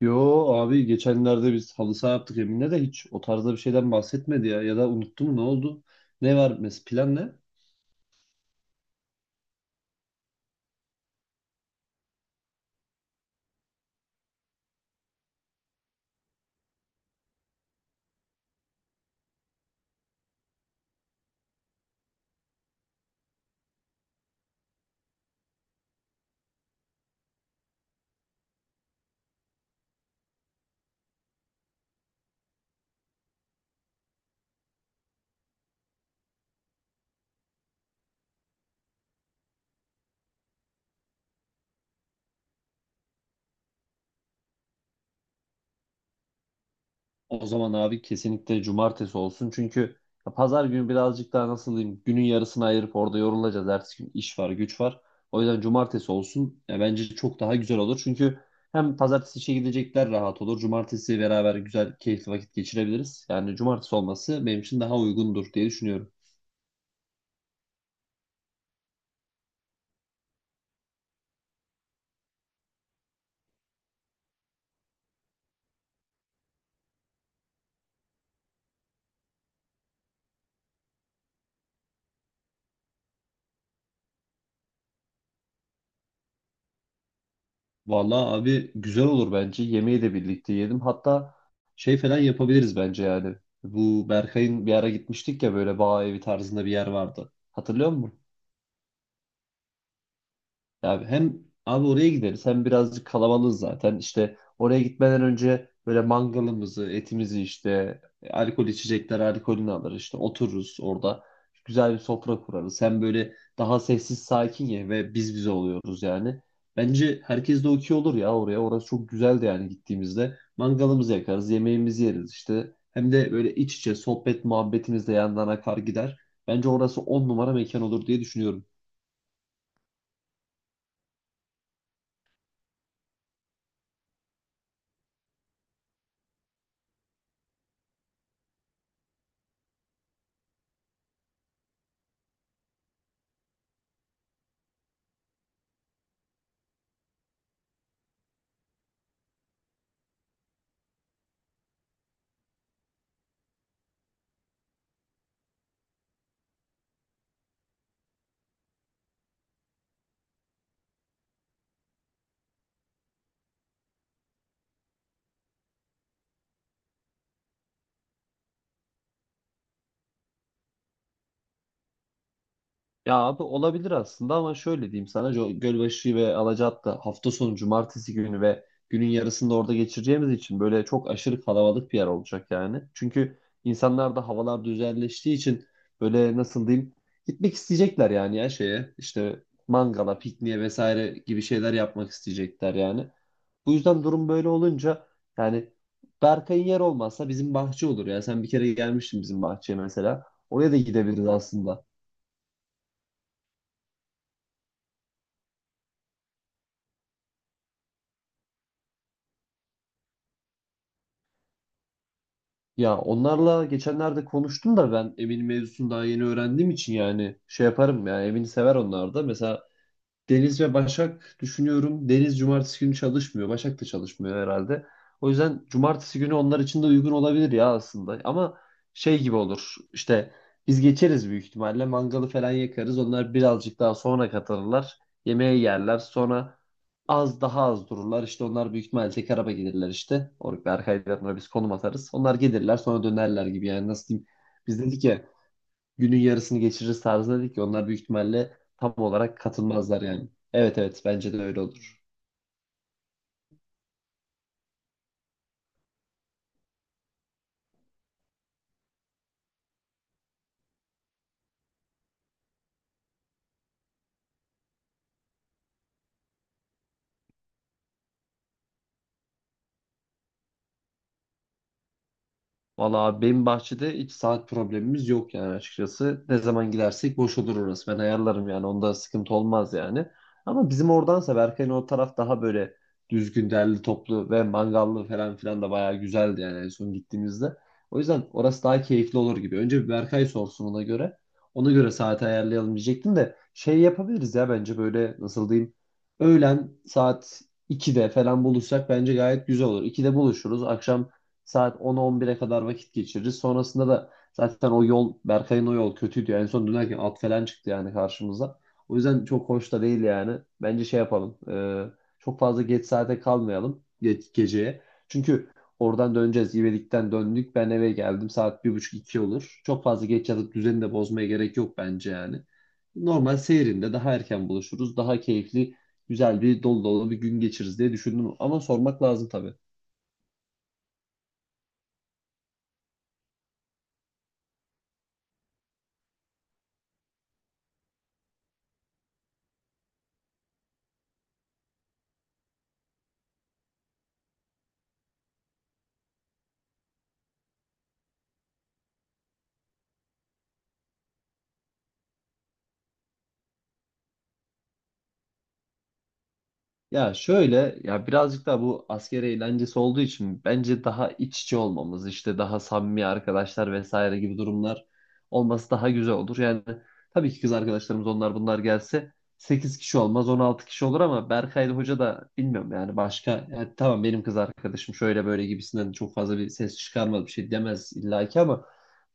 Yo. Abi, geçenlerde biz halı saha yaptık, Emin'e de hiç o tarzda bir şeyden bahsetmedi ya. Ya da unuttu mu, ne oldu? Ne var, plan ne? O zaman abi kesinlikle cumartesi olsun. Çünkü ya pazar günü birazcık daha nasıl diyeyim, günün yarısını ayırıp orada yorulacağız. Ertesi gün iş var, güç var. O yüzden cumartesi olsun. Ya bence çok daha güzel olur. Çünkü hem pazartesi işe gidecekler rahat olur. Cumartesi beraber güzel, keyifli vakit geçirebiliriz. Yani cumartesi olması benim için daha uygundur diye düşünüyorum. Vallahi abi, güzel olur bence. Yemeği de birlikte yiyelim. Hatta şey falan yapabiliriz bence yani. Bu Berkay'ın bir ara gitmiştik ya, böyle bağ evi tarzında bir yer vardı. Hatırlıyor musun? Abi hem abi oraya gideriz, hem birazcık kalabalığız zaten. İşte oraya gitmeden önce böyle mangalımızı, etimizi işte alkol içecekler alkolünü alır, işte otururuz orada. Güzel bir sofra kurarız. Hem böyle daha sessiz sakin ye ve biz bize oluyoruz yani. Bence herkes de okey olur ya oraya. Orası çok güzeldi yani gittiğimizde. Mangalımızı yakarız, yemeğimizi yeriz işte. Hem de böyle iç içe sohbet muhabbetimiz de yandan akar gider. Bence orası on numara mekan olur diye düşünüyorum. Ya abi olabilir aslında ama şöyle diyeyim sana, Gölbaşı ve Alacaat'ta hafta sonu cumartesi günü ve günün yarısında orada geçireceğimiz için böyle çok aşırı kalabalık bir yer olacak yani. Çünkü insanlar da havalar düzenleştiği için böyle nasıl diyeyim, gitmek isteyecekler yani, ya şeye işte mangala, pikniğe vesaire gibi şeyler yapmak isteyecekler yani. Bu yüzden durum böyle olunca yani, Berkay'ın yer olmazsa bizim bahçe olur ya. Sen bir kere gelmiştin bizim bahçeye mesela. Oraya da gidebiliriz aslında. Ya onlarla geçenlerde konuştum da ben Emin mevzusunu daha yeni öğrendiğim için yani, şey yaparım ya, Emin'i sever onlar da. Mesela Deniz ve Başak düşünüyorum. Deniz cumartesi günü çalışmıyor. Başak da çalışmıyor herhalde. O yüzden cumartesi günü onlar için de uygun olabilir ya aslında. Ama şey gibi olur. İşte biz geçeriz büyük ihtimalle. Mangalı falan yakarız. Onlar birazcık daha sonra katılırlar. Yemeği yerler. Sonra az daha az dururlar. İşte onlar büyük ihtimalle tek araba gelirler işte. Ve arkalarına biz konum atarız. Onlar gelirler, sonra dönerler gibi yani, nasıl diyeyim. Biz dedik ya, günün yarısını geçiririz tarzında, dedik ki onlar büyük ihtimalle tam olarak katılmazlar yani. Evet, evet, bence de öyle olur. Valla abi, benim bahçede hiç saat problemimiz yok yani açıkçası. Ne zaman gidersek boş olur orası. Ben ayarlarım yani, onda sıkıntı olmaz yani. Ama bizim oradansa Berkay'ın o taraf daha böyle düzgün, derli toplu ve mangallı falan filan da bayağı güzeldi yani en son gittiğimizde. O yüzden orası daha keyifli olur gibi. Önce bir Berkay sorsun, ona göre. Ona göre saati ayarlayalım diyecektim de şey yapabiliriz ya bence, böyle nasıl diyeyim. Öğlen saat 2'de falan buluşsak bence gayet güzel olur. 2'de buluşuruz. Akşam saat 10-11'e kadar vakit geçiririz. Sonrasında da zaten o yol, Berkay'ın o yol kötüydü. En son dönerken at falan çıktı yani karşımıza. O yüzden çok hoş da değil yani. Bence şey yapalım. Çok fazla geç saate kalmayalım. Geceye. Çünkü oradan döneceğiz. İvedik'ten döndük. Ben eve geldim. Saat bir buçuk iki olur. Çok fazla geç yatıp düzeni de bozmaya gerek yok bence yani. Normal seyrinde daha erken buluşuruz. Daha keyifli, güzel, bir dolu dolu bir gün geçiririz diye düşündüm. Ama sormak lazım tabii. Ya şöyle, ya birazcık da bu asker eğlencesi olduğu için bence daha iç içe olmamız, işte daha samimi arkadaşlar vesaire gibi durumlar olması daha güzel olur. Yani tabii ki kız arkadaşlarımız onlar bunlar gelse 8 kişi olmaz, 16 kişi olur, ama Berkay ile Hoca da bilmiyorum yani, başka yani, tamam benim kız arkadaşım şöyle böyle gibisinden çok fazla bir ses çıkarmaz, bir şey demez illaki ama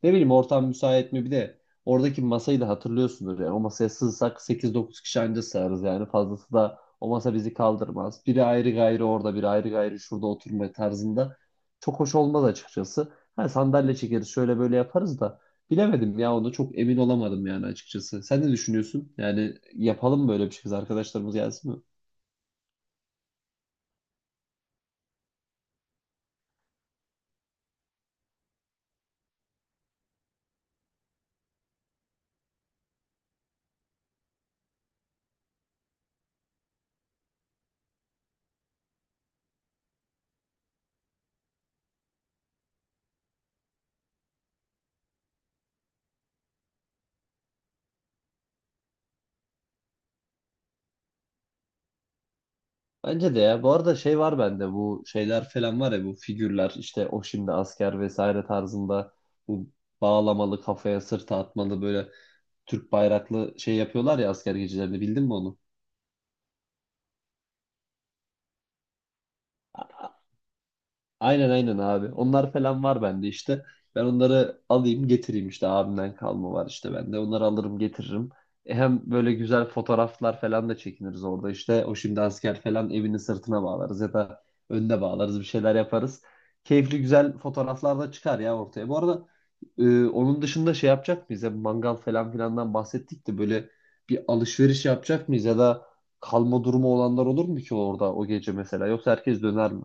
ne bileyim, ortam müsait mi bir de? Oradaki masayı da hatırlıyorsunuz yani, o masaya sığsak 8-9 kişi anca sığarız yani, fazlası da o masa bizi kaldırmaz. Biri ayrı gayrı orada, biri ayrı gayrı şurada oturma tarzında. Çok hoş olmaz açıkçası. Ha, sandalye çekeriz, şöyle böyle yaparız da. Bilemedim ya, onu çok emin olamadım yani açıkçası. Sen ne düşünüyorsun? Yani yapalım mı böyle bir şey? Kız arkadaşlarımız gelsin mi? Bence de ya. Bu arada şey var bende, bu şeyler falan var ya, bu figürler, işte o şimdi asker vesaire tarzında, bu bağlamalı, kafaya sırta atmalı, böyle Türk bayraklı şey yapıyorlar ya asker gecelerinde, bildin mi onu? Aynen aynen abi. Onlar falan var bende işte. Ben onları alayım, getireyim işte, abimden kalma var işte bende. Onları alırım, getiririm. E hem böyle güzel fotoğraflar falan da çekiniriz orada işte. O şimdi asker falan evinin sırtına bağlarız ya da önüne bağlarız, bir şeyler yaparız. Keyifli, güzel fotoğraflar da çıkar ya ortaya. Bu arada onun dışında şey yapacak mıyız? Ya, mangal falan filandan bahsettik de böyle bir alışveriş yapacak mıyız? Ya da kalma durumu olanlar olur mu ki orada o gece mesela? Yoksa herkes döner mi?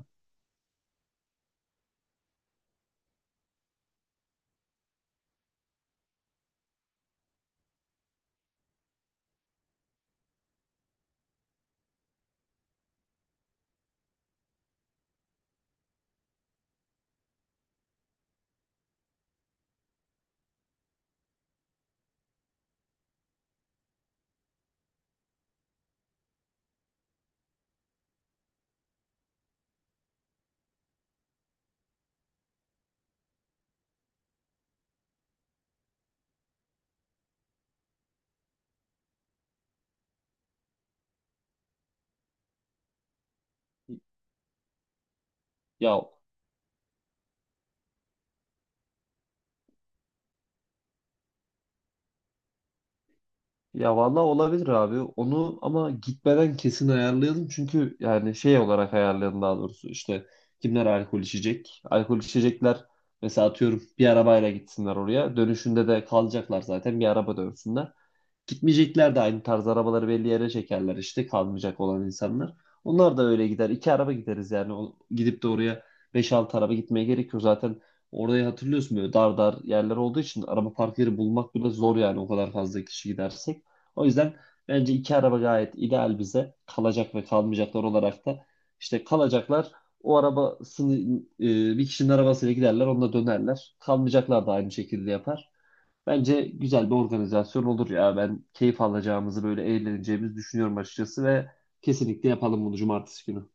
Ya Ya vallahi olabilir abi. Onu ama gitmeden kesin ayarlayalım. Çünkü yani şey olarak ayarlayalım daha doğrusu. İşte kimler alkol içecek? Alkol içecekler mesela atıyorum bir arabayla gitsinler oraya. Dönüşünde de kalacaklar zaten bir araba dönsünler. Gitmeyecekler de aynı tarz arabaları belli yere çekerler, işte kalmayacak olan insanlar. Onlar da öyle gider. İki araba gideriz yani. Gidip de oraya 5-6 araba gitmeye gerekiyor yok. Zaten orayı hatırlıyorsun, böyle dar dar yerler olduğu için araba park yeri bulmak bile zor yani, o kadar fazla kişi gidersek. O yüzden bence iki araba gayet ideal bize. Kalacak ve kalmayacaklar olarak da, işte kalacaklar o arabasını, bir kişinin arabasıyla giderler, onunla dönerler. Kalmayacaklar da aynı şekilde yapar. Bence güzel bir organizasyon olur ya. Ben keyif alacağımızı, böyle eğleneceğimizi düşünüyorum açıkçası ve kesinlikle yapalım bunu cumartesi günü.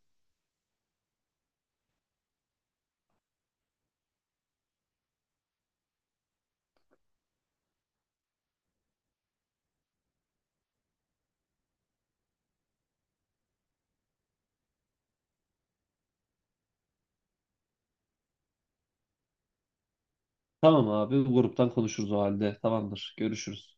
Tamam abi, bu gruptan konuşuruz o halde. Tamamdır. Görüşürüz.